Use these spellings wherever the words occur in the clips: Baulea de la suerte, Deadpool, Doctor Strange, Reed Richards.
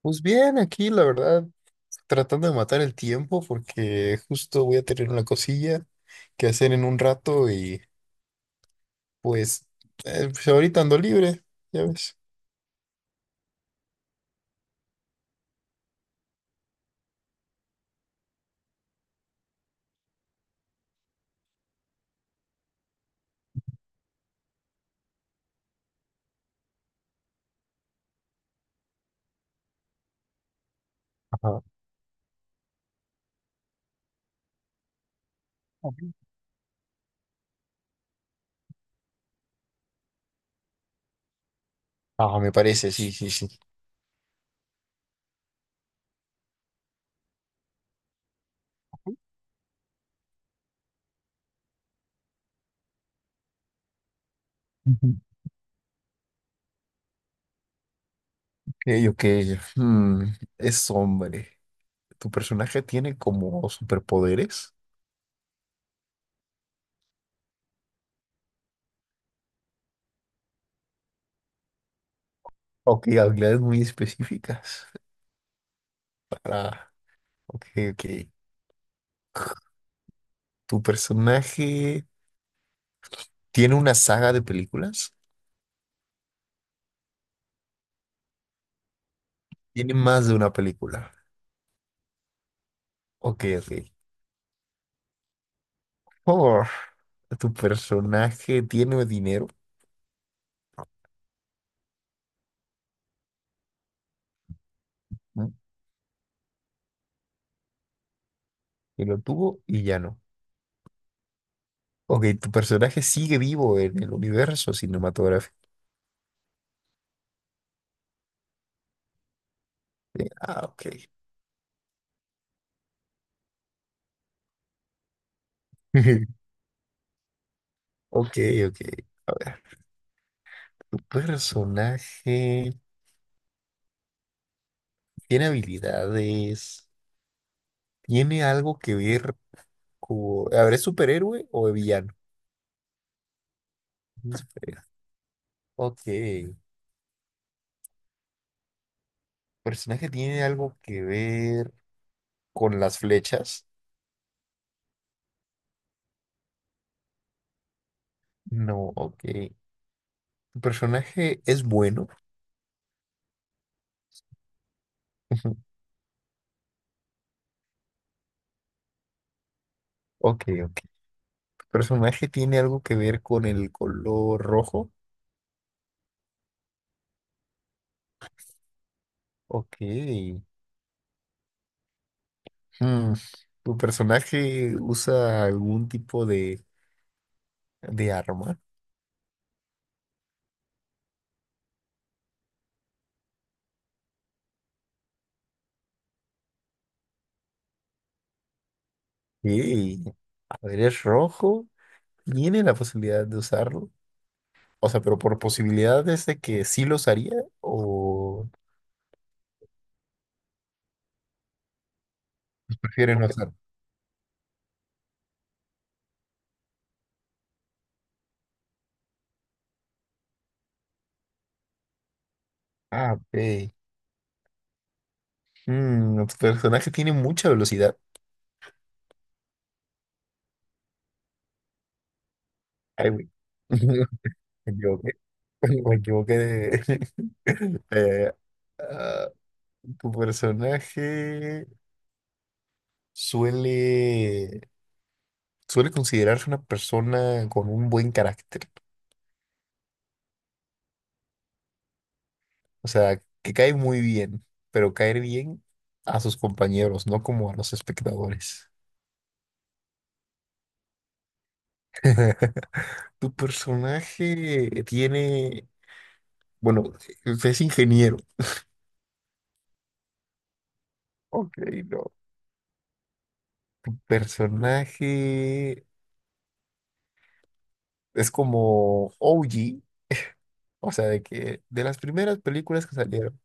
Pues bien, aquí la verdad, tratando de matar el tiempo porque justo voy a tener una cosilla que hacer en un rato y pues, pues ahorita ando libre, ya ves. Ajá. Ujú. Ah, me parece, sí, sí, sí. Ujú. Ok, ok. hmm, Es hombre. ¿Tu personaje tiene como superpoderes? Ok, habilidades muy específicas. Ah, ok, ok. ¿Tu personaje tiene una saga de películas? Tiene más de una película. Ok, ok. Oh, tu personaje tiene dinero. ¿Mm? Que lo tuvo y ya no. Ok, tu personaje sigue vivo en el universo cinematográfico. Ah, ok. Ok, ok. A ver, tu personaje tiene habilidades, tiene algo que ver con... A ver, ¿es superhéroe o villano? Es superhéroe. Ok. ¿Personaje tiene algo que ver con las flechas? No, ok. ¿Tu personaje es bueno? Ok, ok. ¿Personaje tiene algo que ver con el color rojo? Ok. Hmm, ¿tu personaje usa algún tipo de arma? Ok. A ver, es rojo. ¿Tiene la posibilidad de usarlo? O sea, pero por posibilidades de que sí lo usaría o prefiere no usarlo. Ah, ok. Hmm, ¿tu personaje tiene mucha velocidad? Ay, güey. Me equivoqué. Me equivoqué de- Eh, Tu personaje suele, suele considerarse una persona con un buen carácter, o sea, que cae muy bien, pero caer bien a sus compañeros, no como a los espectadores. Tu personaje tiene, bueno, es ingeniero. Ok, no. Personaje es como OG, o sea, de que de las primeras películas que salieron.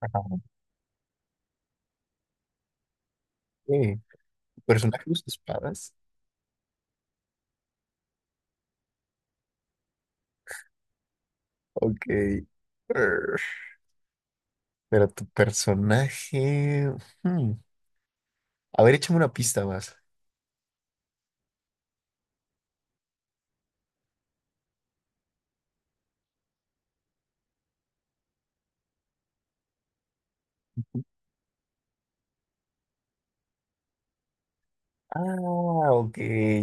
Ajá. Ok. Personaje usa espadas. Ok. Err, Pero tu personaje. hmm, A ver, échame una pista más. Ah, ok,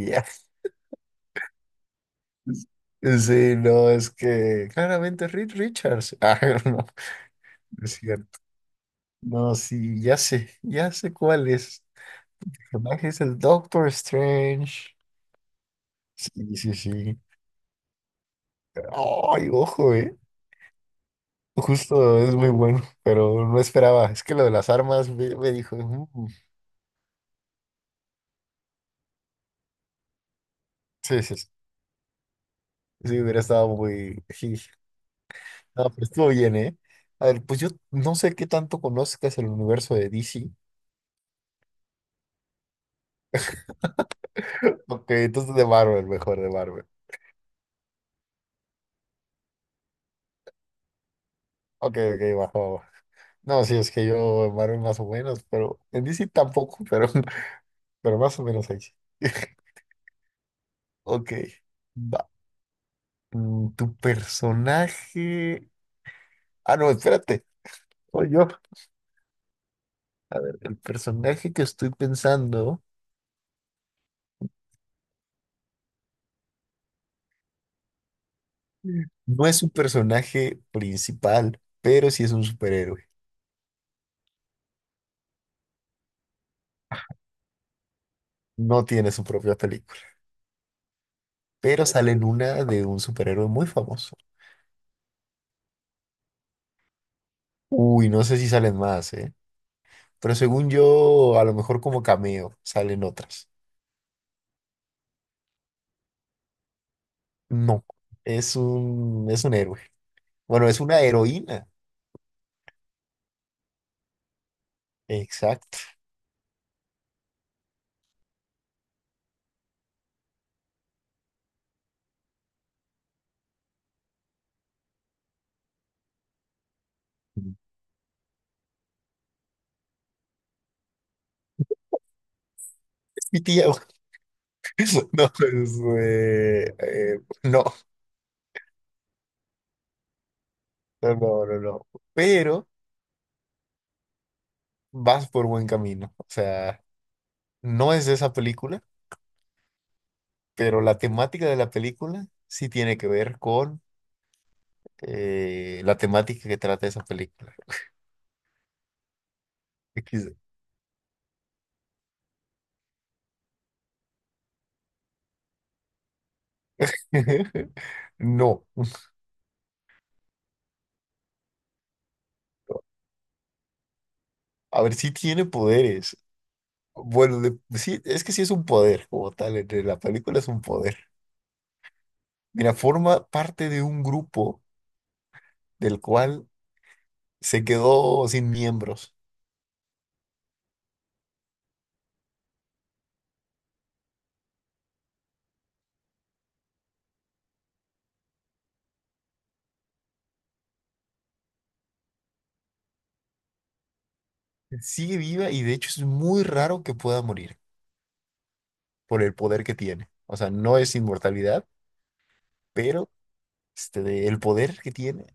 ya. Sí, no, es que claramente Reed Richards. Ah, no, no es cierto. No, sí, ya sé cuál es. El personaje es el Doctor Strange. Sí, sí, sí. Ay, ojo, eh. Justo es muy bueno, pero no esperaba. Es que lo de las armas me dijo. "Mm". Sí, sí, sí. Sí, hubiera estado muy. Ah, pues estuvo bien, ¿eh? A ver, pues yo no sé qué tanto conozcas el universo de DC. Ok, entonces de Marvel, mejor, de Marvel. Ok, ok, bajo. Bajo. No, sí, es que yo en Marvel más o menos, pero en DC tampoco, pero, pero más o menos ahí. Sí. Ok, va. Mm, tu personaje. Ah, no, espérate. Soy yo. El personaje que estoy pensando no es un personaje principal, pero sí es un superhéroe. No tiene su propia película. Pero salen una de un superhéroe muy famoso. Uy, no sé si salen más, ¿eh? Pero según yo, a lo mejor como cameo salen otras. No, es un héroe. Bueno, es una heroína. Exacto. Es mi tía. No, es, no, no, no, no, no. Pero vas por buen camino. O sea, no es de esa película, pero la temática de la película sí tiene que ver con la temática que trata esa película. No, no. A ver, si tiene poderes. Bueno, sí, es que sí es un poder, como tal, entre la película es un poder. Mira, forma parte de un grupo del cual se quedó sin miembros. Sigue viva y de hecho es muy raro que pueda morir por el poder que tiene. O sea, no es inmortalidad, pero el poder que tiene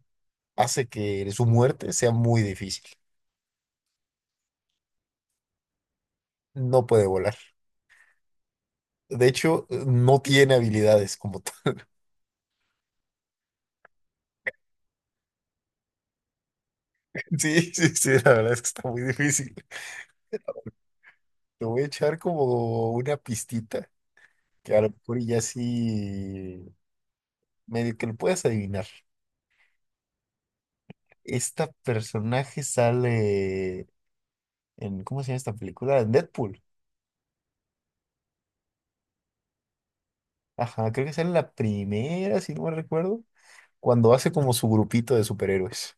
hace que su muerte sea muy difícil. No puede volar. De hecho, no tiene habilidades como. Sí, sí, sí, la verdad es que está muy difícil. Te voy a echar como una pistita, que a lo mejor ya sí medio que lo puedas adivinar. Esta personaje sale en, ¿cómo se llama esta película? En Deadpool. Ajá, creo que sale la primera, si no me recuerdo, cuando hace como su grupito de superhéroes.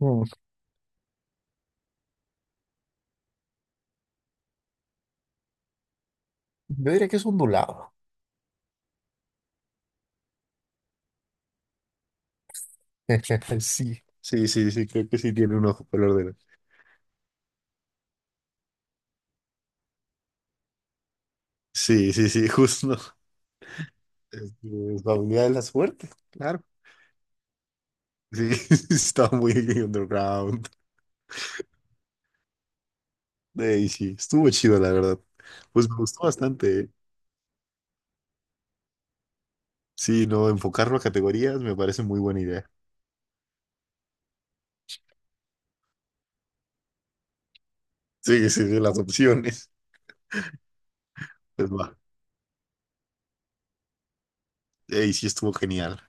Mm, yo diría que es ondulado. Sí, sí, sí, sí, creo que sí tiene un ojo color de... Sí, sí, sí, justo. Es Baulea de la suerte, claro. Sí, estaba muy underground. Ey, sí, estuvo chido, la verdad. Pues me gustó bastante, eh. Sí, no, enfocarlo a categorías me parece muy buena idea. Sí, sí, sí, las opciones. Pues va. Ey, sí, estuvo genial.